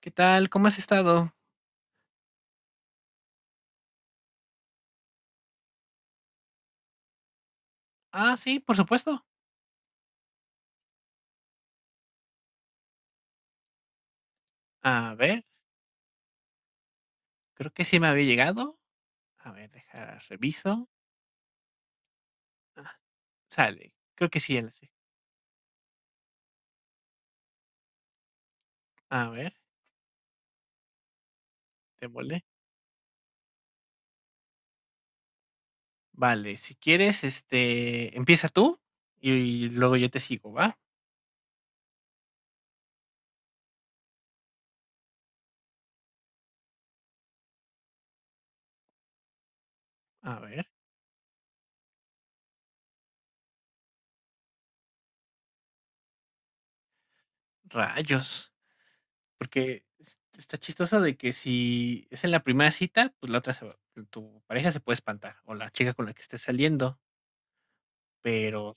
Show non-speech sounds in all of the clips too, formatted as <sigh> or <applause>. ¿Qué tal? ¿Cómo has estado? Ah, sí, por supuesto. A ver, creo que sí me había llegado. A ver, deja, reviso. Sale. Creo que sí, enlace. A ver, te volé. Vale, si quieres, empieza tú y, luego yo te sigo, ¿va? A ver, rayos. Porque está chistoso de que si es en la primera cita, pues la otra, tu pareja se puede espantar o la chica con la que estés saliendo. Pero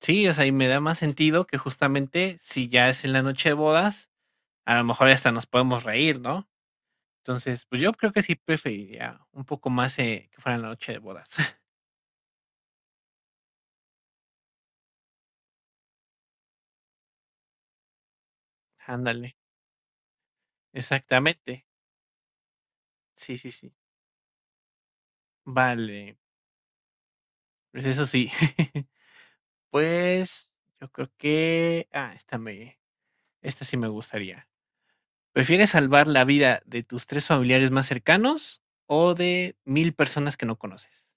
sí, o sea, y me da más sentido que justamente si ya es en la noche de bodas a lo mejor hasta nos podemos reír, ¿no? Entonces, pues yo creo que sí preferiría un poco más que fuera la noche de bodas. <laughs> Ándale, exactamente. Sí, sí, sí. Vale, pues eso sí. <laughs> Pues yo creo que... Ah, esta me... Esta sí me gustaría. ¿Prefieres salvar la vida de tus tres familiares más cercanos o de 1.000 personas que no conoces?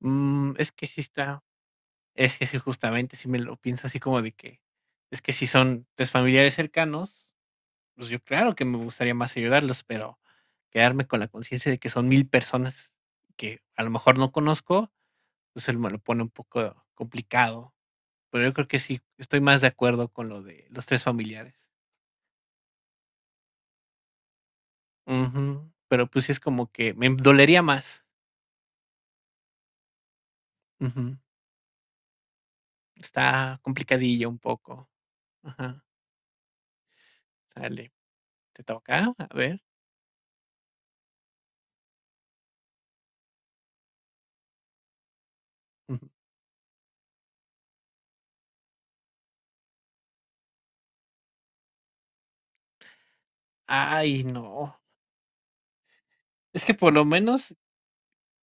Es que sí está. Es que sí, justamente, si me lo pienso así como de que. Es que si son tres familiares cercanos, pues yo claro que me gustaría más ayudarlos, pero quedarme con la conciencia de que son 1.000 personas que a lo mejor no conozco, pues él me lo pone un poco complicado. Pero yo creo que sí, estoy más de acuerdo con lo de los tres familiares. Ujú, pero pues sí es como que me dolería más. Ujú, está complicadillo un poco. Ajá, sale, te toca, a ver. Ujú. Ay, no. Es que por lo menos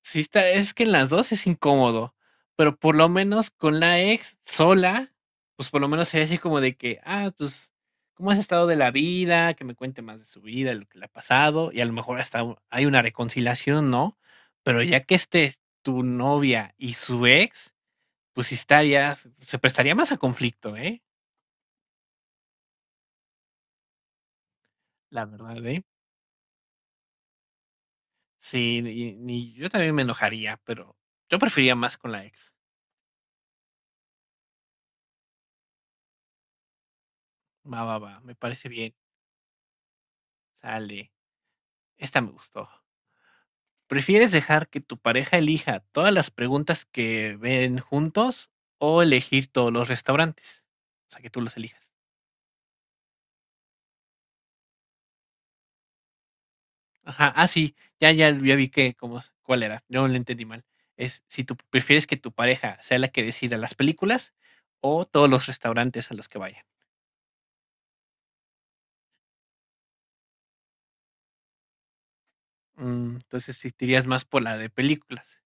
sí está, es que en las dos es incómodo, pero por lo menos con la ex sola, pues por lo menos sería así como de que, ah, pues, ¿cómo has estado de la vida? Que me cuente más de su vida, lo que le ha pasado, y a lo mejor hasta hay una reconciliación, ¿no? Pero ya que esté tu novia y su ex, pues sí estaría, se prestaría más a conflicto, ¿eh? La verdad, ¿eh? Sí, y, ni yo también me enojaría, pero yo preferiría más con la ex. Va, va, va, me parece bien. Sale. Esta me gustó. ¿Prefieres dejar que tu pareja elija todas las preguntas que ven juntos o elegir todos los restaurantes? O sea, que tú los elijas. Ajá, ah, sí, ya, ya, ya vi que, cómo, cuál era, no lo entendí mal. Es si tú prefieres que tu pareja sea la que decida las películas o todos los restaurantes a los que vaya. Mm, entonces, si te irías más por la de películas.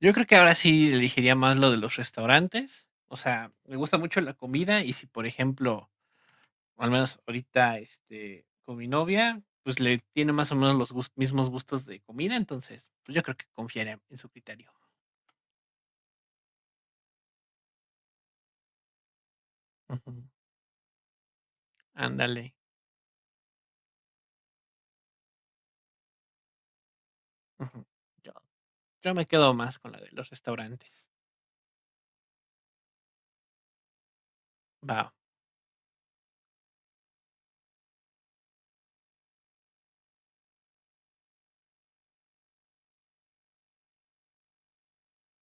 Yo creo que ahora sí elegiría más lo de los restaurantes. O sea, me gusta mucho la comida y si, por ejemplo, al menos ahorita, con mi novia, pues, le tiene más o menos los gus mismos gustos de comida, entonces, pues, yo creo que confiaré en su criterio. Ujú, ándale, ujú. Yo yo me quedo más con la de los restaurantes. Va,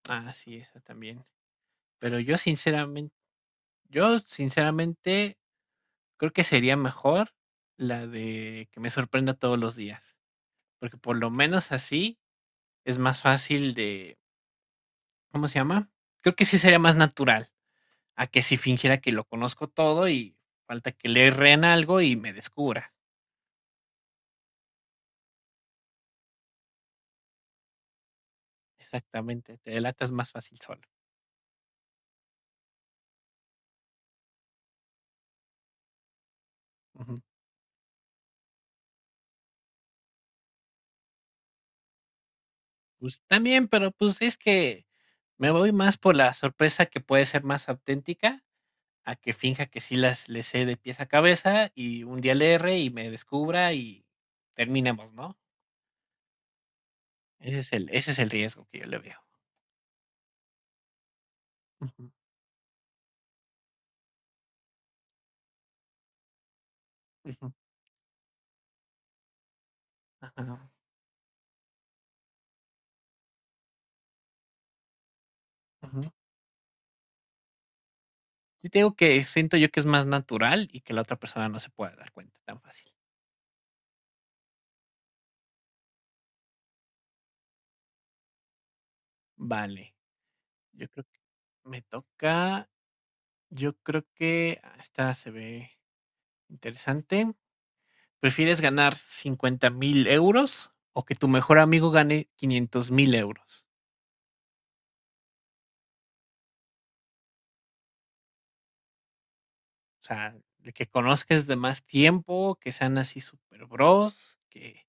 ah sí esa también. Pero yo sinceramente creo que sería mejor la de que me sorprenda todos los días, porque por lo menos así es más fácil de, ¿cómo se llama? Creo que sí sería más natural. A que si fingiera que lo conozco todo y falta que le erren algo y me descubra. Exactamente, te delatas más fácil solo. Ujú. Pues, también, pero, pues, es que me voy más por la sorpresa que puede ser más auténtica, a que finja que sí las le sé de pies a cabeza y un día le erre y me descubra y terminemos, ¿no? Ese es el riesgo que yo le veo. Ujú, ujú, ajá, ujú. Sí te digo que siento yo que es más natural y que la otra persona no se pueda dar cuenta tan fácil. Vale. Yo creo que me toca. Yo creo que esta se ve interesante. ¿Prefieres ganar 50.000 euros o que tu mejor amigo gane 500.000 euros? O sea, el que conozcas de más tiempo, que sean así super bros, que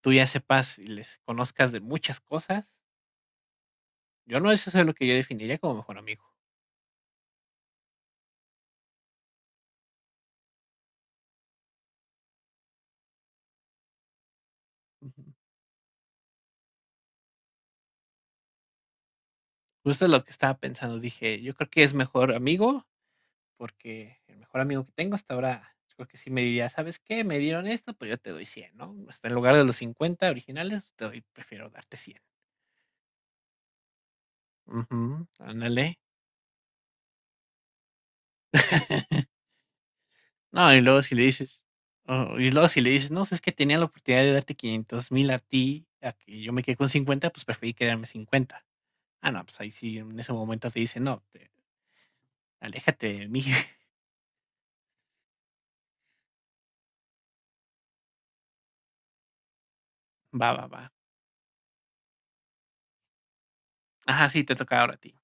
tú ya sepas y les conozcas de muchas cosas. Yo no, eso es lo que yo definiría como mejor amigo. Ujú. Justo lo que estaba pensando, dije, yo creo que es mejor amigo porque el mejor amigo que tengo hasta ahora, yo creo que sí me diría, ¿sabes qué? Me dieron esto, pues yo te doy cien, ¿no? Hasta en lugar de los 50 originales, te doy, prefiero darte cien. Ujú, ándale. <laughs> No, y luego si le dices, no, es que tenía la oportunidad de darte 500.000 a ti, a que yo me quedé con 50 pues preferí quedarme cincuenta. Ah, no, pues ahí sí, en ese momento te dice, no, aléjate de mí, <laughs> va, va, va. Ajá, sí, te toca ahora a ti.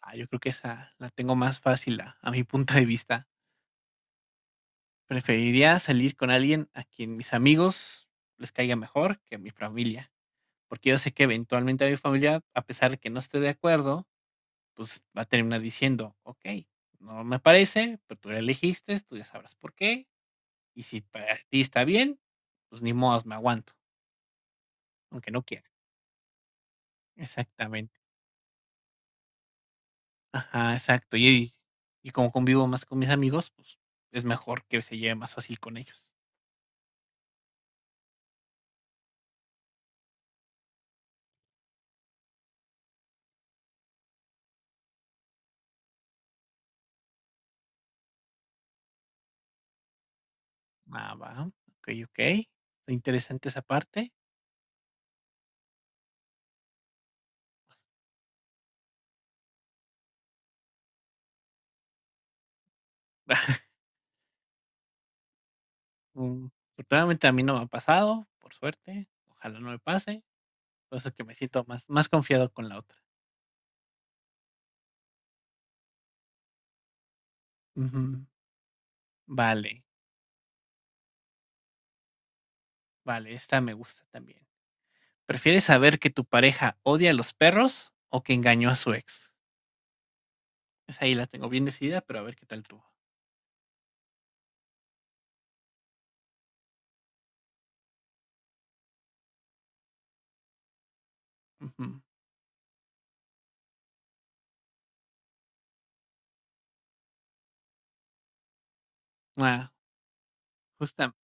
Ah, yo creo que esa la tengo más fácil a mi punto de vista. Preferiría salir con alguien a quien mis amigos les caiga mejor que a mi familia, porque yo sé que eventualmente a mi familia, a pesar de que no esté de acuerdo, pues va a terminar diciendo, ok, no me parece, pero tú la elegiste, tú ya sabrás por qué, y si para ti está bien, pues ni modos, me aguanto, aunque no quiera. Exactamente. Ajá, exacto. Y como convivo más con mis amigos, pues es mejor que se lleve más fácil con ellos. Ah, va. Ok, ok. Está interesante esa parte. <laughs> Mm, afortunadamente a mí no me ha pasado, por suerte, ojalá no me pase, entonces que me siento más, más confiado con la otra. Ujú, vale, vale, esta me gusta también. ¿Prefieres saber que tu pareja odia a los perros o que engañó a su ex? Esa ahí la tengo bien decidida, pero a ver qué tal tú. Ujú. Ah, justa-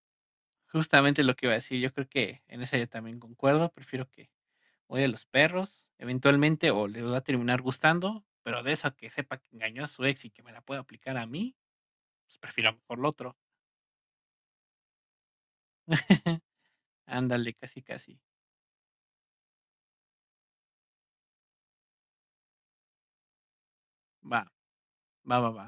justamente lo que iba a decir, yo creo que en esa yo también concuerdo, prefiero que odie a los perros, eventualmente, o le va a terminar gustando, pero de eso a que sepa que engañó a su ex y que me la pueda aplicar a mí, pues prefiero mejor lo otro. Ándale, casi, casi. Va, va, va, va.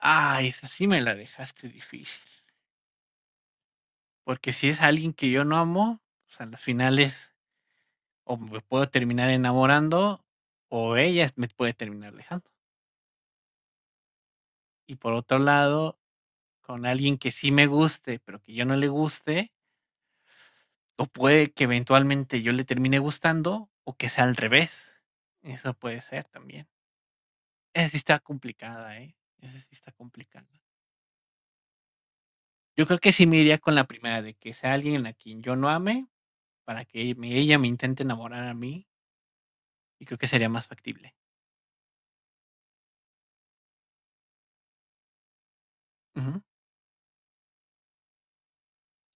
Ah, esa sí me la dejaste difícil. Porque si es alguien que yo no amo, pues a las finales o me puedo terminar enamorando o ella me puede terminar dejando. Y por otro lado, con alguien que sí me guste, pero que yo no le guste, o puede que eventualmente yo le termine gustando o que sea al revés. Eso puede ser también. Esa sí está complicada, ¿eh? Esa sí está complicada. Yo creo que sí me iría con la primera, de que sea alguien a quien yo no ame, para que me ella me intente enamorar a mí, y creo que sería más factible. Ujú.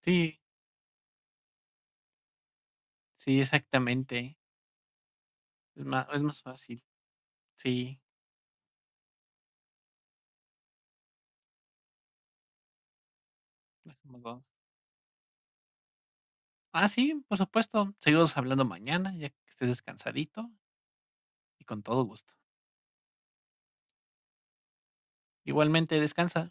Sí, sí, exactamente. Es más fácil. Sí, lo hacemos 2. Ah, sí, por supuesto. Seguimos hablando mañana, ya que estés descansadito y con todo gusto. Igualmente, descansa.